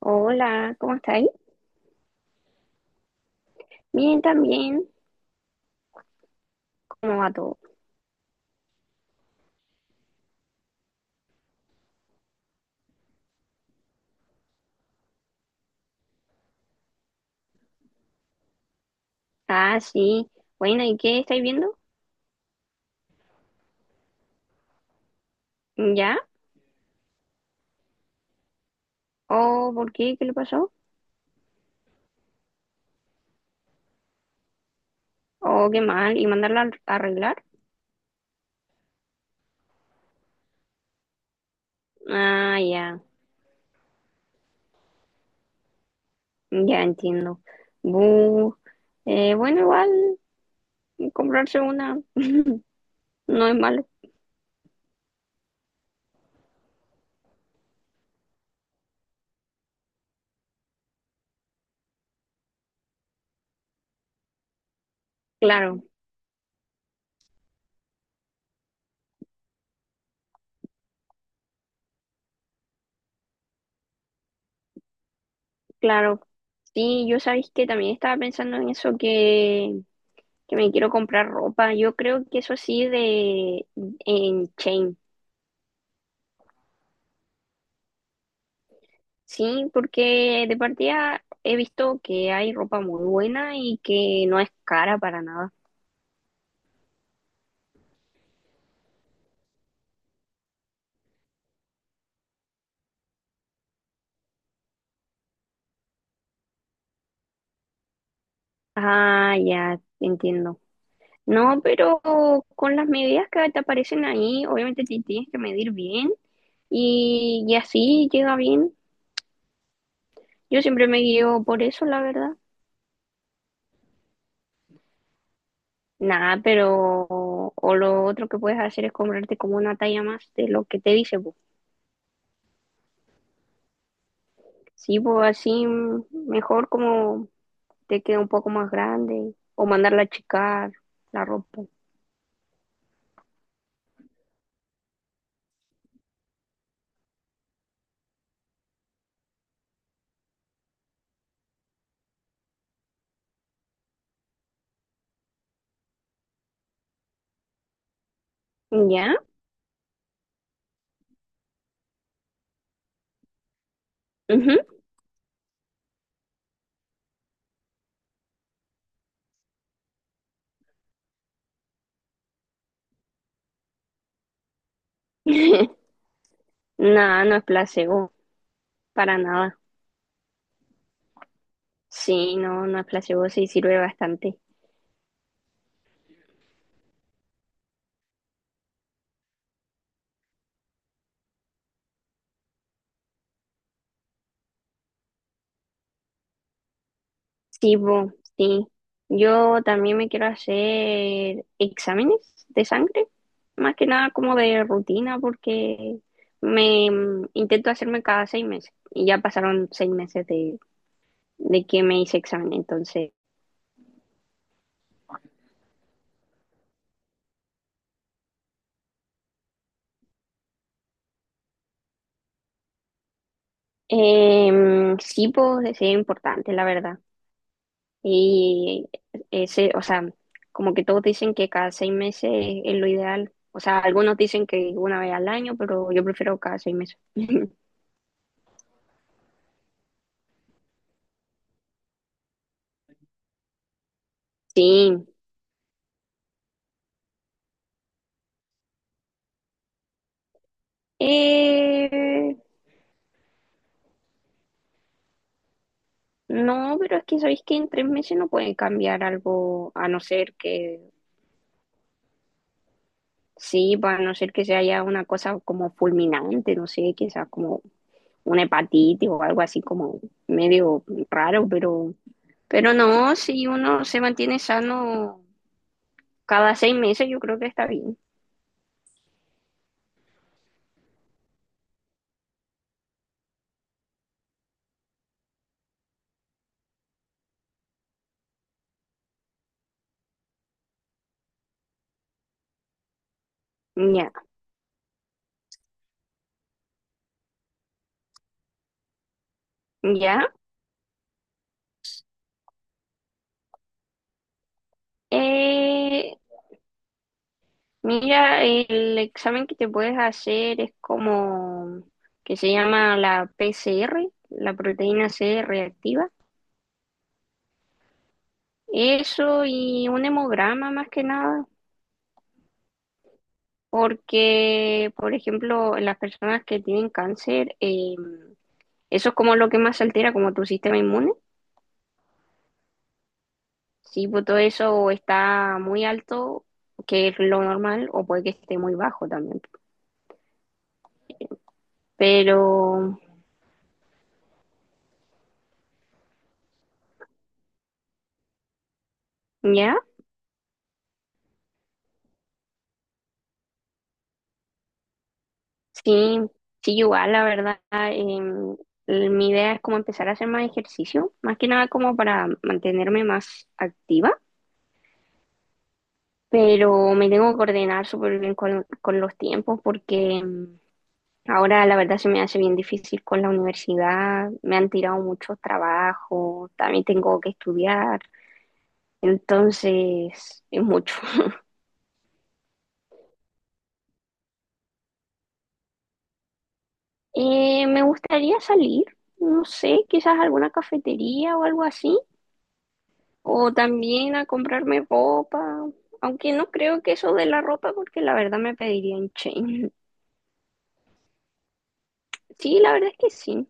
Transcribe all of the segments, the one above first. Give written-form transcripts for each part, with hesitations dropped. Hola, ¿cómo estáis? Bien, también. ¿Cómo va todo? Ah, sí. Bueno, ¿y qué estáis viendo? ¿Ya? ¿O por qué? ¿Qué le pasó? ¿O qué mal? ¿Y a arreglar? Ah, ya. Ya entiendo. Bu. Bueno, igual comprarse una no es malo. Claro, claro. Sí, yo sabéis que también estaba pensando en eso que me quiero comprar ropa. Yo creo que eso sí de en Chain. Sí, porque de partida he visto que hay ropa muy buena y que no es cara para nada. Ah, ya entiendo. No, pero con las medidas que te aparecen ahí, obviamente te tienes que medir bien y así llega bien. Yo siempre me guío por eso, la verdad. Nada, pero o lo otro que puedes hacer es comprarte como una talla más de lo que te dice, pues. Sí, pues así mejor como te quede un poco más grande o mandarla a achicar la ropa. ¿Ya? Ujú. Nada, no es placebo, para nada. Sí, no, no es placebo, sí sirve bastante. Sí, bo, sí. Yo también me quiero hacer exámenes de sangre, más que nada como de rutina, porque intento hacerme cada seis meses y ya pasaron seis meses de que me hice examen, entonces. Sí, pues es importante, la verdad. Y ese, o sea, como que todos dicen que cada seis meses es lo ideal. O sea, algunos dicen que una vez al año, pero yo prefiero cada seis meses. Sí. Eh, no, pero es que sabéis que en tres meses no pueden cambiar algo, a no ser que, sí, pues, a no ser que se haya una cosa como fulminante, no sé, quizás como una hepatitis o algo así como medio raro, pero no, si uno se mantiene sano cada seis meses, yo creo que está bien. Ya, ya. Eh, Mira, el examen que te puedes hacer es como que se llama la PCR, la proteína C reactiva. Eso y un hemograma más que nada, porque, por ejemplo, en las personas que tienen cáncer, eso es como lo que más altera como tu sistema inmune. Si pues, todo eso está muy alto, que es lo normal, o puede que esté muy bajo también. Pero, ¿ya? Sí, sí, igual, la verdad, mi idea es como empezar a hacer más ejercicio, más que nada como para mantenerme más activa, pero me tengo que coordinar súper bien con los tiempos porque ahora la verdad se me hace bien difícil con la universidad, me han tirado muchos trabajos, también tengo que estudiar, entonces es mucho. Me gustaría salir, no sé, quizás a alguna cafetería o algo así. O también a comprarme ropa, aunque no creo que eso de la ropa, porque la verdad me pediría en chain. Sí, la verdad es que sí.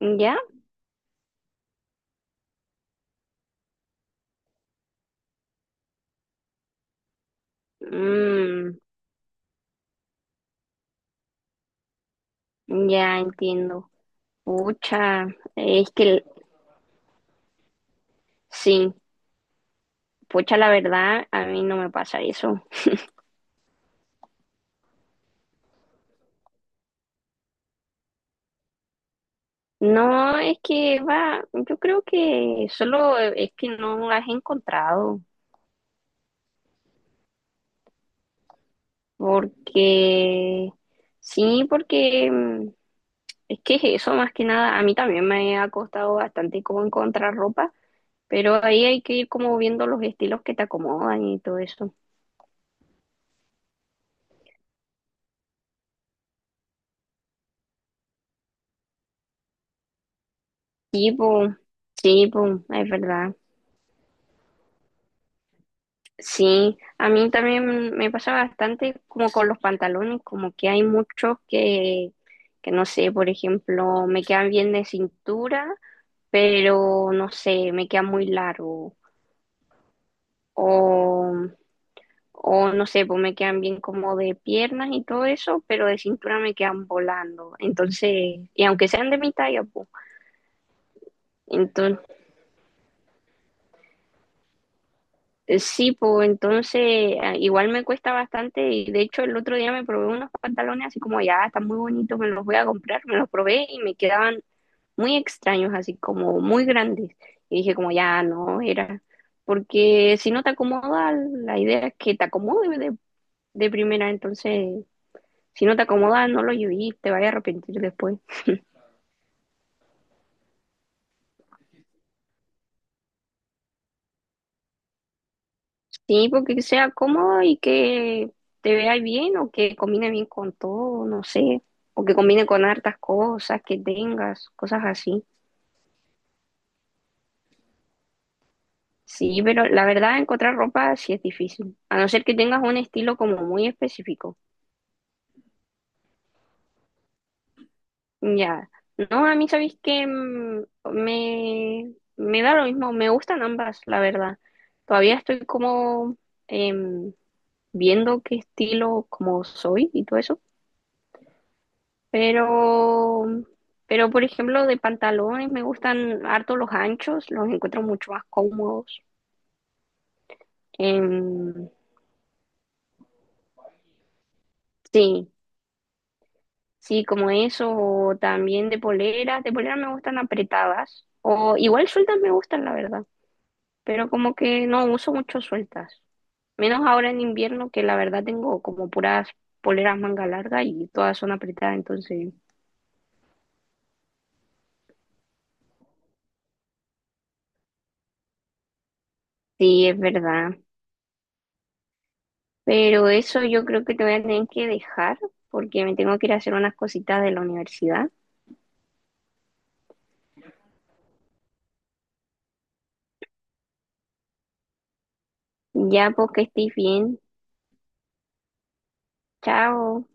¿Ya? Mm, ya entiendo. Pucha, es que el- sí, pucha, la verdad, a mí no me pasa eso. No, es que va, yo creo que solo es que no las he encontrado, porque sí, es que eso más que nada, a mí también me ha costado bastante como encontrar ropa, pero ahí hay que ir como viendo los estilos que te acomodan y todo eso. Sí, po, sí, po, es verdad. Sí, a mí también me pasa bastante como con los pantalones, como que hay muchos que no sé, por ejemplo, me quedan bien de cintura, pero no sé, me quedan muy largo. o O no sé, pues me quedan bien como de piernas y todo eso, pero de cintura me quedan volando. Entonces, y aunque sean de mi talla, pues, entonces, sí, pues igual me cuesta bastante. Y de hecho el otro día me probé unos pantalones así como ya, están muy bonitos, me los voy a comprar. Me los probé y me quedaban muy extraños, así como muy grandes. Y dije como ya no, era, porque si no te acomoda, la idea es que te acomode de primera, entonces si no te acomoda, no lo lleves, te vayas a arrepentir después. Sí, porque sea cómodo y que te vea bien o que combine bien con todo, no sé, o que combine con hartas cosas que tengas, cosas así. Sí, pero la verdad encontrar ropa sí es difícil, a no ser que tengas un estilo como muy específico. Ya, no, a mí sabéis que me da lo mismo, me gustan ambas, la verdad. Todavía estoy como em, viendo qué estilo como soy y todo eso. Pero, pero por ejemplo, de pantalones me gustan harto los anchos, los encuentro mucho más cómodos. Em, sí, sí, como eso, o también de poleras me gustan apretadas, o igual sueltas me gustan, la verdad, pero como que no uso mucho sueltas, menos ahora en invierno que la verdad tengo como puras poleras manga larga y todas son apretadas, entonces sí, es verdad. Pero eso yo creo que te voy a tener que dejar porque me tengo que ir a hacer unas cositas de la universidad. Ya, pues que estés bien. Chao.